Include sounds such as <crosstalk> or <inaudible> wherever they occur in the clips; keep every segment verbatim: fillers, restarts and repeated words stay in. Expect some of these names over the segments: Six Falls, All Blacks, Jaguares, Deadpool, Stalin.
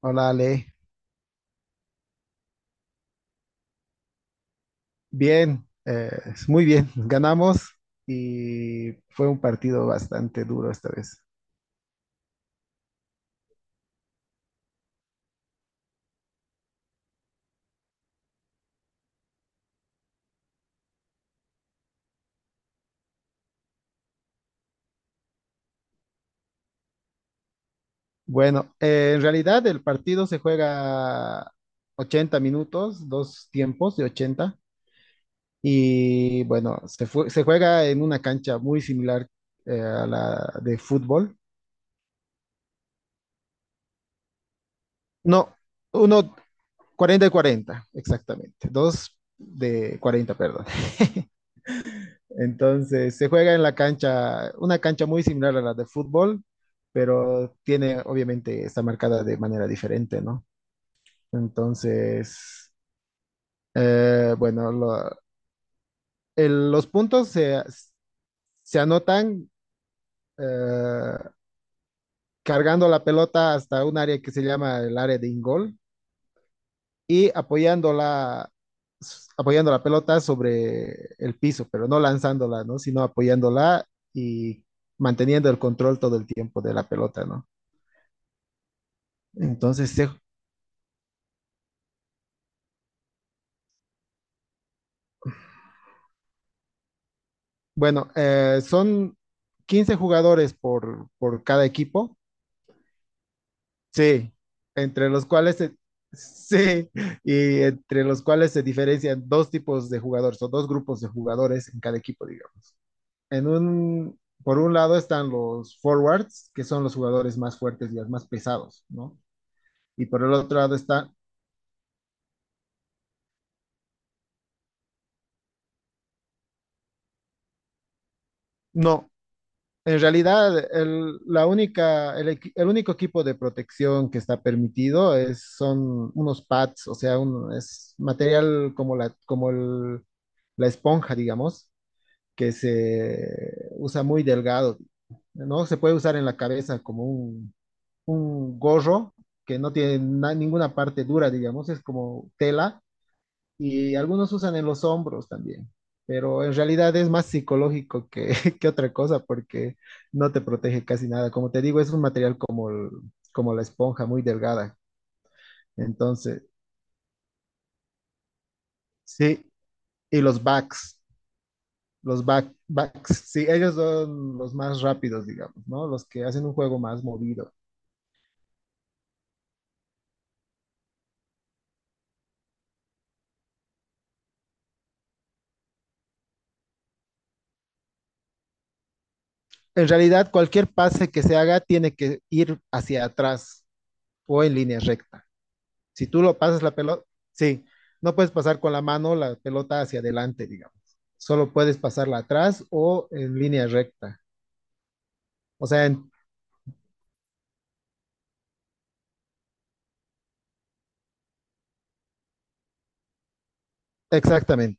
Hola Ale, bien, eh, muy bien, ganamos y fue un partido bastante duro esta vez. Bueno, eh, en realidad el partido se juega ochenta minutos, dos tiempos de ochenta y bueno, se, fue- se juega en una cancha muy similar eh, a la de fútbol. No, uno cuarenta y cuarenta, exactamente, dos de cuarenta, perdón. <laughs> Entonces, se juega en la cancha, una cancha muy similar a la de fútbol, pero tiene, obviamente, está marcada de manera diferente, ¿no? Entonces, eh, bueno, lo- el- los puntos se, se anotan eh, cargando la pelota hasta un área que se llama el área de ingol y apoyando la, apoyando la pelota sobre el piso, pero no lanzándola, ¿no? Sino apoyándola y manteniendo el control todo el tiempo de la pelota, ¿no? Entonces, se- bueno, eh, son quince jugadores por, por cada equipo, sí, entre los cuales se, sí, y entre los cuales se diferencian dos tipos de jugadores o dos grupos de jugadores en cada equipo, digamos. En un, por un lado están los forwards, que son los jugadores más fuertes y los más pesados, ¿no? Y por el otro lado está, no, en realidad el, la única, el, equi- el único equipo de protección que está permitido es, son unos pads, o sea, un- es material como la, como el- la esponja, digamos, que se usa muy delgado, ¿no? Se puede usar en la cabeza como un un gorro que no tiene na- ninguna parte dura, digamos, es como tela y algunos usan en los hombros también, pero en realidad es más psicológico que, <laughs> que otra cosa porque no te protege casi nada. Como te digo, es un material como, el- como la esponja, muy delgada. Entonces, sí, y los backs, los back, backs, sí, ellos son los más rápidos, digamos, ¿no? Los que hacen un juego más movido. En realidad, cualquier pase que se haga tiene que ir hacia atrás, o en línea recta. Si tú lo pasas la pelota, sí, no puedes pasar con la mano la pelota hacia adelante, digamos. Solo puedes pasarla atrás o en línea recta. O sea, en- exactamente.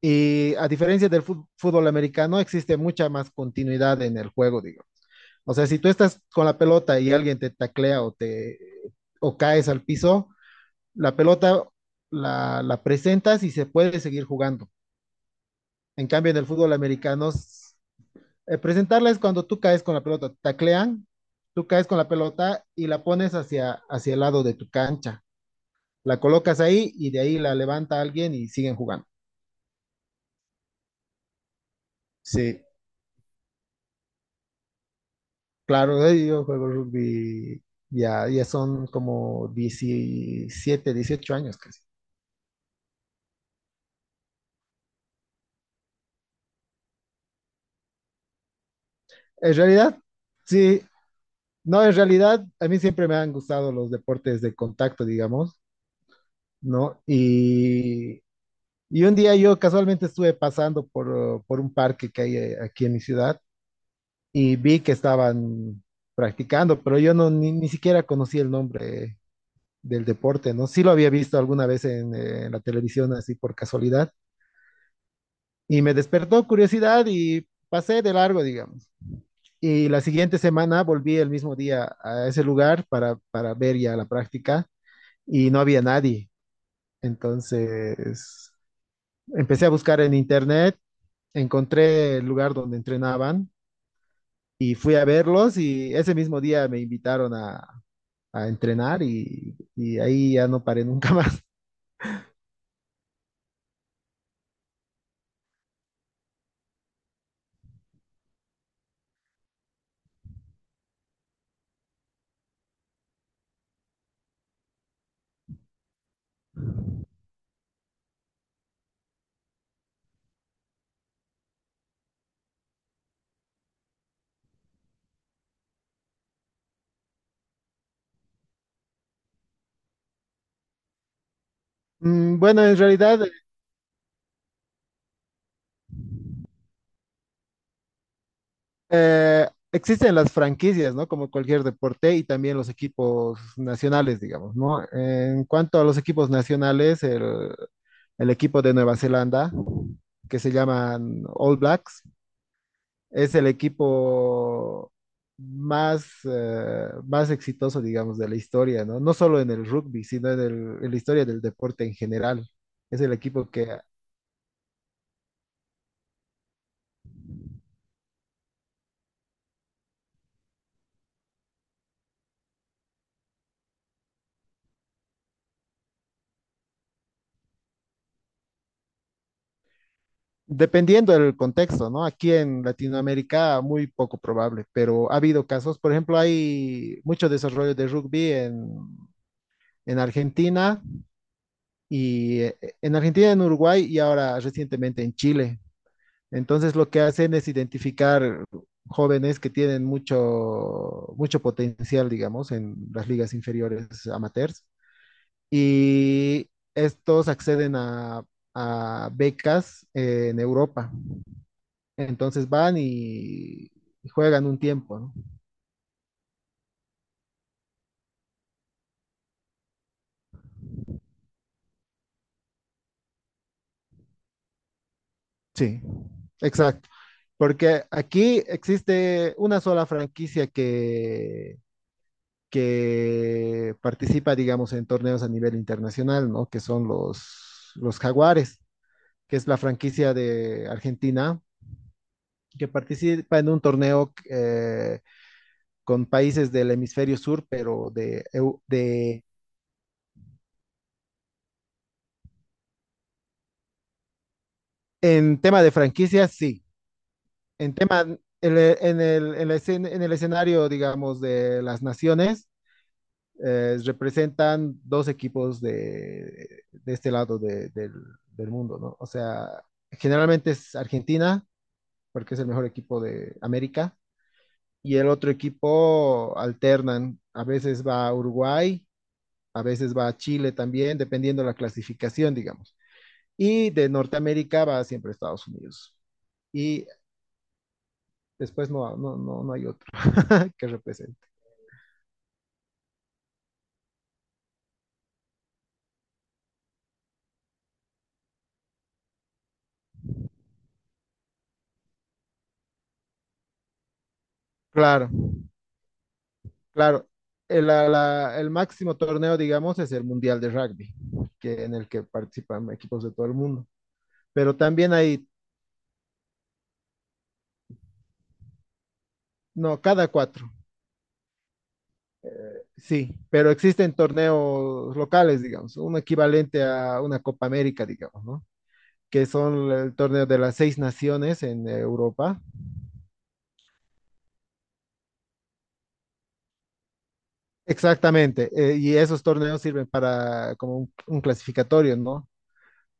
Y a diferencia del fut- fútbol americano, existe mucha más continuidad en el juego, digo. O sea, si tú estás con la pelota y alguien te taclea o te o caes al piso, la pelota la, la presentas y se puede seguir jugando. En cambio, en el fútbol americano... Eh, presentarla es cuando tú caes con la pelota, te taclean, tú caes con la pelota y la pones hacia, hacia el lado de tu cancha. La colocas ahí y de ahí la levanta alguien y siguen jugando. Sí, claro, eh, yo juego rugby, ya, ya son como diecisiete, dieciocho años casi. En realidad, sí, no, en realidad a mí siempre me han gustado los deportes de contacto, digamos, ¿no? Y, y un día yo casualmente estuve pasando por, por un parque que hay eh, aquí en mi ciudad y vi que estaban practicando, pero yo no ni, ni siquiera conocí el nombre del deporte, ¿no? Sí lo había visto alguna vez en, eh, en la televisión así por casualidad y me despertó curiosidad y pasé de largo, digamos. Y la siguiente semana volví el mismo día a ese lugar para, para ver ya la práctica y no había nadie. Entonces empecé a buscar en internet, encontré el lugar donde entrenaban y fui a verlos y ese mismo día me invitaron a, a entrenar y, y ahí ya no paré nunca <laughs> más. Mm, Bueno, en realidad eh, existen las franquicias, ¿no? Como cualquier deporte y también los equipos nacionales, digamos, ¿no? En cuanto a los equipos nacionales, el, el equipo de Nueva Zelanda, que se llaman All Blacks, es el equipo más, eh, más exitoso, digamos, de la historia, ¿no? No solo en el rugby, sino en el- en la historia del deporte en general. Es el equipo que... Dependiendo del contexto, ¿no? Aquí en Latinoamérica muy poco probable, pero ha habido casos, por ejemplo, hay mucho desarrollo de rugby en, en Argentina y eh, en Argentina, en Uruguay y ahora recientemente en Chile. Entonces lo que hacen es identificar jóvenes que tienen mucho, mucho potencial, digamos, en las ligas inferiores amateurs y estos acceden a, a becas eh, en Europa. Entonces van y, y juegan un tiempo, ¿no? Sí, exacto. Porque aquí existe una sola franquicia que, que participa, digamos, en torneos a nivel internacional, ¿no? Que son los, los Jaguares, que es la franquicia de Argentina, que participa en un torneo eh, con países del hemisferio sur, pero de, eu- de en tema de franquicias, sí. En tema, en, el, en el- en la escena- en el escenario, digamos, de las naciones, eh, representan dos equipos de, de este lado de- del, del mundo, ¿no? O sea, generalmente es Argentina, porque es el mejor equipo de América, y el otro equipo alternan, a veces va a Uruguay, a veces va a Chile también, dependiendo de la clasificación, digamos. Y de Norteamérica va siempre a Estados Unidos. Y después no, no, no, no hay otro <laughs> que represente. Claro, claro. El, la- la- el máximo torneo, digamos, es el Mundial de Rugby, que, en el que participan equipos de todo el mundo. Pero también hay, no, cada cuatro, sí, pero existen torneos locales, digamos, un equivalente a una Copa América, digamos, ¿no? Que son el torneo de las seis naciones en Europa. Exactamente, eh, y esos torneos sirven para como un, un clasificatorio, ¿no?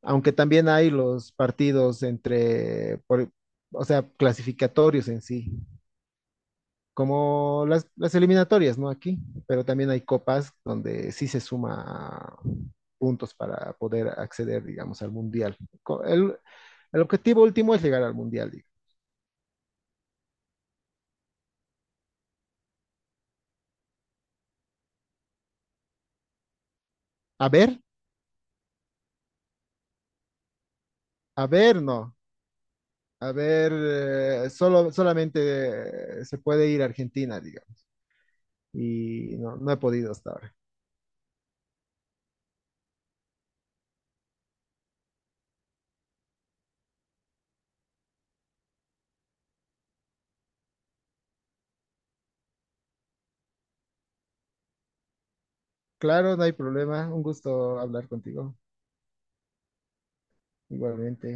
Aunque también hay los partidos entre, por- o sea, clasificatorios en sí, como las, las eliminatorias, ¿no? Aquí, pero también hay copas donde sí se suma puntos para poder acceder, digamos, al mundial. Co- El, el objetivo último es llegar al mundial, digo. A ver, a ver, no. A ver, eh, solo, solamente eh, se puede ir a Argentina, digamos, y no, no he podido hasta ahora. Claro, no hay problema. Un gusto hablar contigo, igualmente.